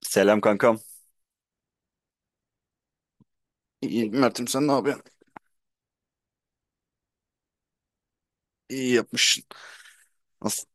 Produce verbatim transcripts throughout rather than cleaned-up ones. Selam kankam. İyi, Mert'im sen ne yapıyorsun? İyi yapmışsın. As-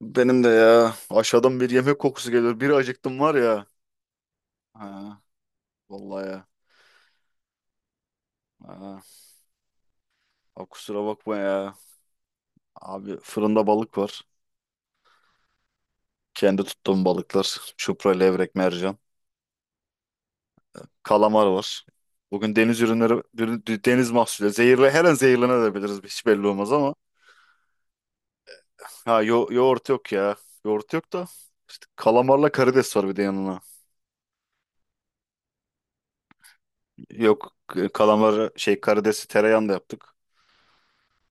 Benim de ya aşağıdan bir yemek kokusu geliyor. Bir acıktım var ya. Ha, vallahi ya. Ha, abi kusura bakma ya. Abi fırında balık var. Kendi tuttuğum balıklar. Çupra, levrek, mercan. Kalamar var. Bugün deniz ürünleri, bir- deniz mahsulü. Zehirle, her an zehirlenebiliriz. Hiç belli olmaz ama. Ha, yo, yoğurt yok ya. Yoğurt yok da. Kalamarla karides var bir de yanına. Yok, kalamar şey karidesi tereyağında yaptık.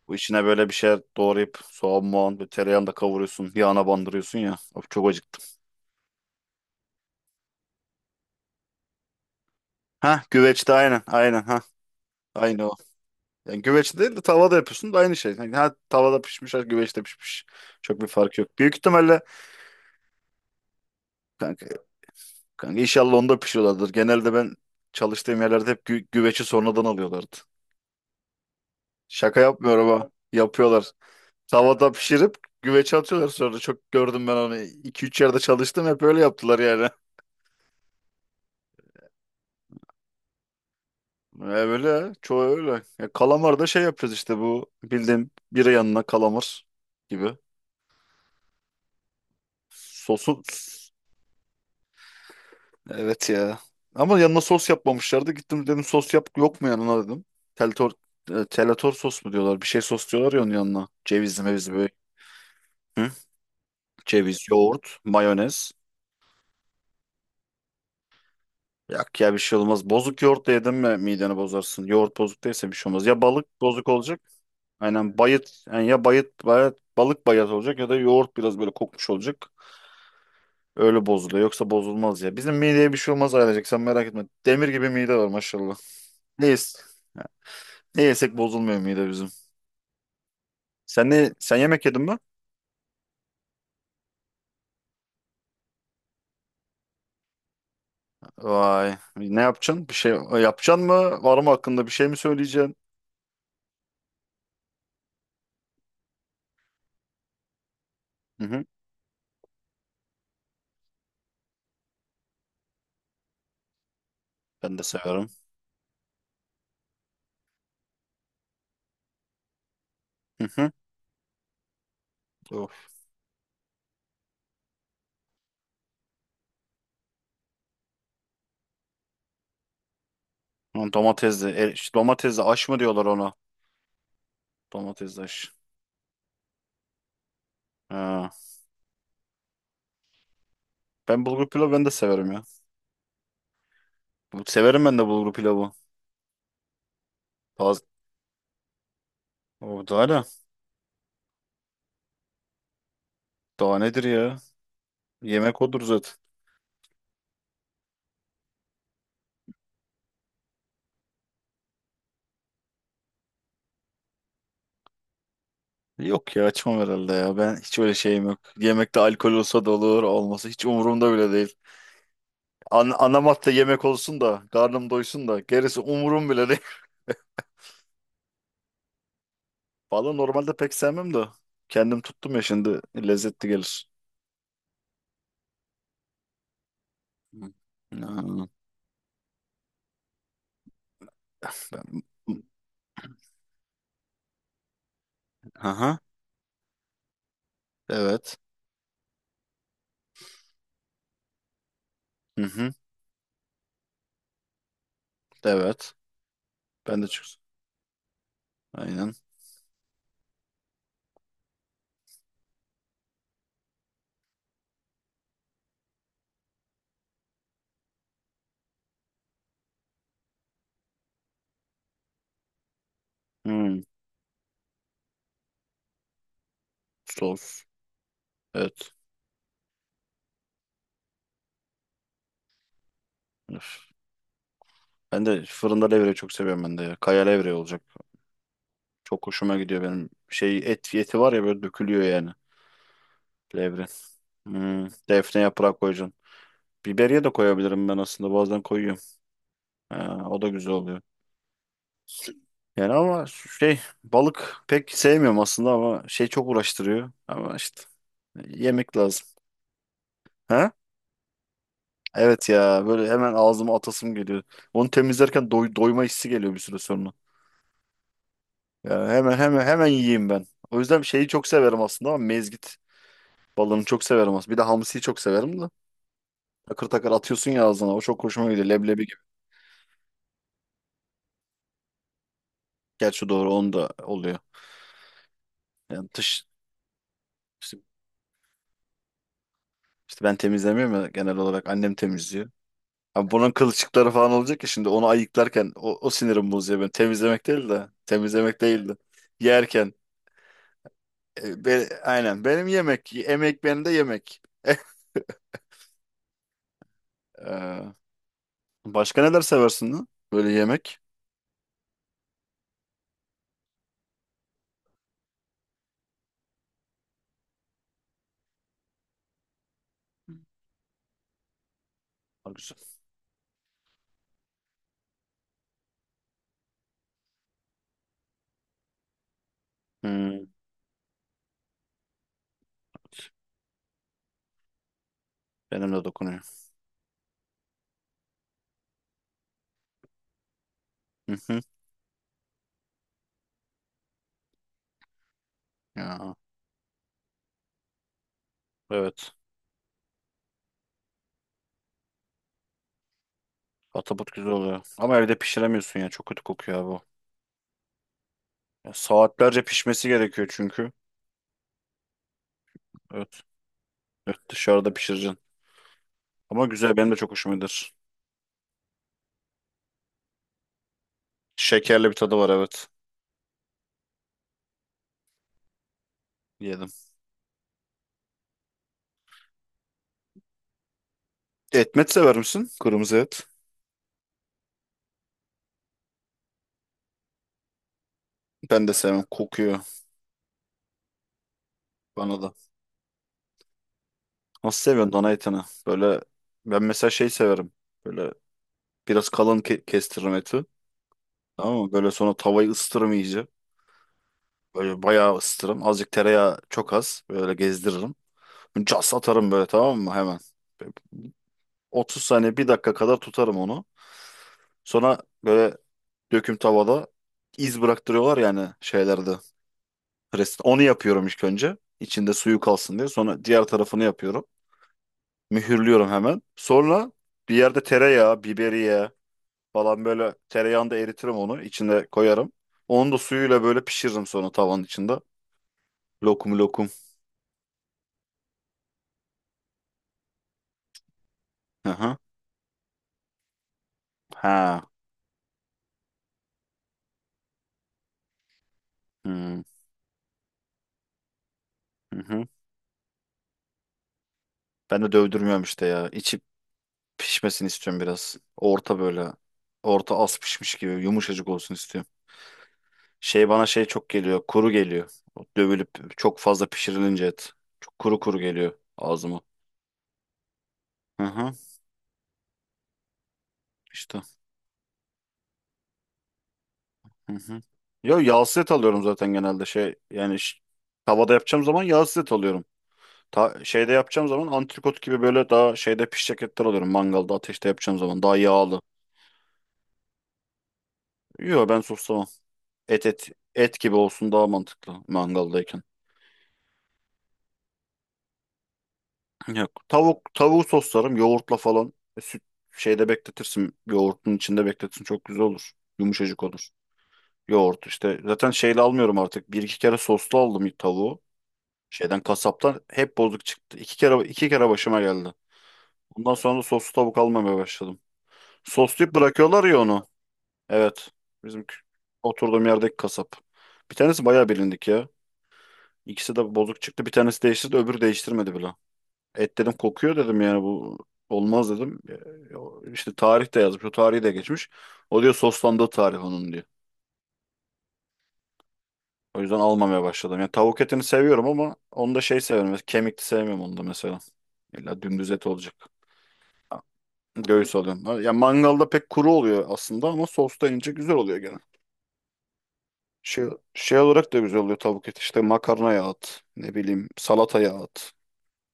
Bu içine böyle bir şeyler doğrayıp soğan muğan ve tereyağını da kavuruyorsun. Yağına bandırıyorsun ya. Of, çok acıktım. Ha, güveçte aynen aynen, ha. Aynı o. Yani güveçte değil de tavada yapıyorsun da aynı şey. Yani ha tavada pişmiş ha güveçte pişmiş. Çok bir fark yok. Büyük ihtimalle kanka, kanka inşallah onda pişiyorlardır. Genelde ben çalıştığım yerlerde hep gü güveci sonradan alıyorlardı. Şaka yapmıyorum, ha. Yapıyorlar. Tavada pişirip güveçe atıyorlar sonra. Çok gördüm ben onu. İki üç yerde çalıştım, hep öyle yaptılar yani. E, öyle. Çoğu öyle. Ya, kalamar da şey yapıyoruz, işte bu bildiğim bira yanına kalamar gibi. Sosu, evet ya. Ama yanına sos yapmamışlardı. Gittim, dedim sos yap yok mu yanına dedim. Teltor e, Telator sos mu diyorlar? Bir şey sos diyorlar ya onun yanına. Cevizli mevizli böyle. Hı? Ceviz, yoğurt, mayonez. Yak ya, bir şey olmaz. Bozuk yoğurt da yedin mi mideni bozarsın. Yoğurt bozuk değilse bir şey olmaz. Ya balık bozuk olacak. Aynen, bayıt. Yani ya bayıt, bayat- balık bayat olacak ya da yoğurt biraz böyle kokmuş olacak. Öyle bozuluyor. Yoksa bozulmaz ya. Bizim mideye bir şey olmaz ailecek. Sen merak etme. Demir gibi mide var, maşallah. Ne, yes- Ne yesek bozulmuyor mide bizim. Sen ne, sen yemek yedin mi? Vay. Ne yapacaksın? Bir şey e, yapacaksın mı? Var mı hakkında bir şey mi söyleyeceksin? Hı hı. Ben de severim. Hı hı. Of. Lan domatesli. E, işte domatesli aş mı diyorlar ona? Domatesli aş. Ha. Ben bulgur pilavı ben de severim ya. Bu- Severim ben de bulgur pilavı. Taz- O daha ne? Daha nedir ya? Yemek odur zaten. Yok ya, açmam herhalde ya. Ben hiç öyle şeyim yok. Yemekte alkol olsa da olur, olmasa hiç umurumda bile değil. An ana madde yemek olsun da, karnım doysun da gerisi umurum bile değil. Valla normalde pek sevmem de kendim tuttum ya, şimdi lezzetli gelir. Hı. Aa, Ben... Aha, evet. Hı hı, evet. Ben de çok... Aynen. Hmm, sos. Evet. Üf. Ben de fırında levreyi çok seviyorum ben de ya. Kaya levreği olacak. Çok hoşuma gidiyor benim. Şey, et eti var ya, böyle dökülüyor yani. Levre. Hmm, defne yaprağı koyacaksın. Biberiye de koyabilirim ben aslında. Bazen koyuyorum. Ha, o da güzel oluyor. Yani ama şey balık pek sevmiyorum aslında, ama şey çok uğraştırıyor. Ama işte e, yemek lazım. Ha? Evet ya, böyle hemen ağzıma atasım geliyor. Onu temizlerken doy- doyma hissi geliyor bir süre sonra. Yani hemen hemen hemen yiyeyim ben. O yüzden şeyi çok severim aslında, ama mezgit balığını çok severim aslında. Bir de hamsiyi çok severim de. Takır takır atıyorsun ya ağzına. O çok hoşuma gidiyor. Leblebi gibi. Gerçi doğru, onu da oluyor. Yani dış işte, işte ben temizlemiyorum ya, genel olarak annem temizliyor. Abi bunun kılçıkları falan olacak ya, şimdi onu ayıklarken o, o sinirim bozuyor ben. Temizlemek değil de temizlemek değil de yerken e, be- aynen benim yemek, emek benim de yemek. Ee, Başka neler seversin lan? Böyle yemek. Aa, güzel. Hmm, benim de dokunuyor. Hı hı. Ya, evet. Atabut güzel oluyor. Ama evde pişiremiyorsun ya. Çok kötü kokuyor abi o. Ya, saatlerce pişmesi gerekiyor çünkü. Evet. Evet, dışarıda pişireceksin. Ama güzel, benim de çok hoşuma gider. Şekerli bir tadı var, evet. Yedim. Etmet sever misin? Kırmızı et. Ben de sevmem. Kokuyor bana da. Nasıl seviyorsun dana etini? Böyle ben mesela şey severim. Böyle biraz kalın ke- kestiririm eti. Tamam mı? Böyle sonra tavayı ısıtırım iyice. Böyle bayağı ısıtırım. Azıcık tereyağı, çok az. Böyle gezdiririm. Cas atarım böyle, tamam mı? Hemen. Böyle otuz saniye bir dakika kadar tutarım onu. Sonra böyle döküm tavada iz bıraktırıyorlar yani şeylerde. Preston. Onu yapıyorum ilk önce. İçinde suyu kalsın diye. Sonra diğer tarafını yapıyorum. Mühürlüyorum hemen. Sonra bir yerde tereyağı, biberiye falan, böyle tereyağında eritirim onu. İçine koyarım. Onu da suyuyla böyle pişiririm sonra tavanın içinde. Lokum lokum. Hı hı. Ha. Hmm. Hı hı. Ben de dövdürmüyorum işte ya. İçi pişmesini istiyorum biraz. Orta böyle. Orta az pişmiş gibi yumuşacık olsun istiyorum. Şey bana şey çok geliyor. Kuru geliyor. Dövülüp çok fazla pişirilince et. Çok kuru kuru geliyor ağzıma. Hı hı. İşte. Hı hı. Yo, yağsız et alıyorum zaten genelde şey. Yani ş- tavada yapacağım zaman yağsız et alıyorum. Ta, şeyde yapacağım zaman antrikot gibi, böyle daha şeyde pişecek etler alıyorum. Mangalda ateşte yapacağım zaman daha yağlı. Yo, ben soslamam. Et, et et gibi olsun, daha mantıklı mangaldayken. Yok. Tavuk, tavuğu soslarım yoğurtla falan. E, Süt şeyde bekletirsin. Yoğurtun içinde bekletirsin. Çok güzel olur. Yumuşacık olur. Yoğurt işte. Zaten şeyle almıyorum artık. Bir iki kere soslu aldım tavuğu. Şeyden, kasaptan hep bozuk çıktı. İki kere iki kere başıma geldi. Bundan sonra da soslu tavuk almamaya başladım. Soslayıp bırakıyorlar ya onu. Evet. Bizim kü- oturduğum yerdeki kasap. Bir tanesi bayağı bilindik ya. İkisi de bozuk çıktı. Bir tanesi değiştirdi, öbürü değiştirmedi bile. Et dedim, kokuyor dedim, yani bu olmaz dedim. E, İşte tarih de yazmış. O tarihi de geçmiş. O diyor soslandığı tarih onun diyor. O yüzden almamaya başladım. Yani tavuk etini seviyorum ama onu da şey seviyorum. Mesela kemikli sevmiyorum onu da mesela. İlla dümdüz et olacak. Göğüs alıyorum. Ha, ya mangalda pek kuru oluyor aslında ama sosta ince güzel oluyor gene. Şey, şey olarak da güzel oluyor tavuk eti. İşte makarnaya at. Ne bileyim, salataya at.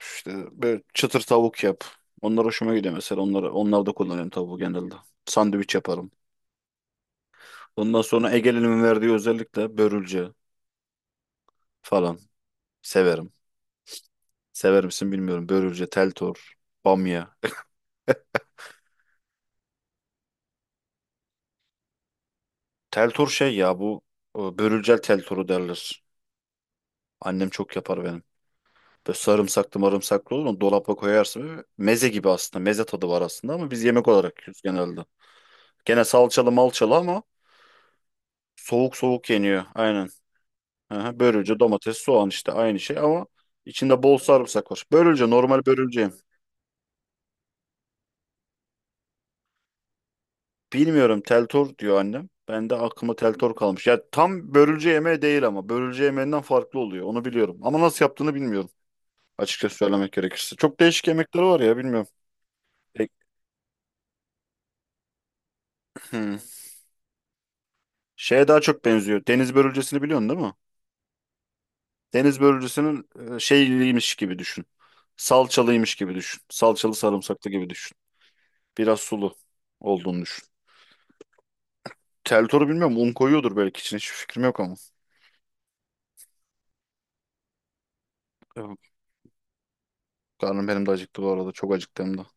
İşte böyle çıtır tavuk yap. Onlar hoşuma gidiyor mesela. Onları, onlarda kullanıyorum tavuğu genelde. Sandviç yaparım. Ondan sonra Ege'nin verdiği özellikle börülce falan severim. Sever misin bilmiyorum. Börülce, teltor, bamya. Teltor şey ya, bu e, börülcel teltoru derler. Annem çok yapar benim. Böyle sarımsaklı marımsaklı olur, onu dolapa koyarsın. Böyle meze gibi aslında. Meze tadı var aslında ama biz yemek olarak yiyoruz genelde. Gene salçalı malçalı ama soğuk soğuk yeniyor. Aynen. Aha, börülce, domates, soğan, işte aynı şey ama içinde bol sarımsak var. Börülce, normal börülce. Bilmiyorum, Teltor diyor annem. Ben de aklıma Teltor kalmış. Ya, tam börülce yemeği değil ama börülce yemeğinden farklı oluyor. Onu biliyorum. Ama nasıl yaptığını bilmiyorum. Açıkça söylemek gerekirse. Çok değişik yemekleri var ya, bilmiyorum. E, hmm. Şeye daha çok benziyor. Deniz börülcesini biliyorsun değil mi? Deniz börülcesinin e, şeyliymiş gibi düşün. Salçalıymış gibi düşün. Salçalı sarımsaklı gibi düşün. Biraz sulu olduğunu düşün. Teltoru bilmiyorum. Un koyuyordur belki içine. Hiçbir fikrim yok ama. Evet. Karnım benim de acıktı bu arada. Çok acıktım da.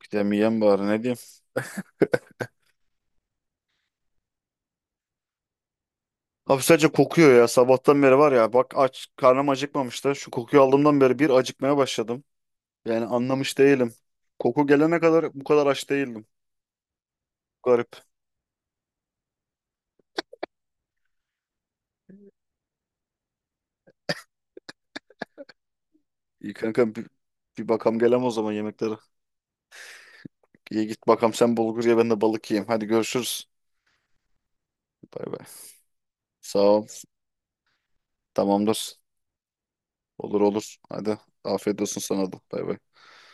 Gidemeyeyim bari. Ne diyeyim? Abi sadece kokuyor ya. Sabahtan beri var ya. Bak aç. Karnım acıkmamış da. Şu kokuyu aldığımdan beri bir acıkmaya başladım. Yani anlamış değilim. Koku gelene kadar bu kadar aç değildim. Garip. İyi kanka, bir, bir bakam gelem o zaman yemeklere. İyi, git bakam sen bulgur ye, ben de balık yiyeyim. Hadi, görüşürüz. Bay bay. Sağ ol. Tamamdır. Olur olur. Hadi. Afiyet olsun sana da. Bay bay.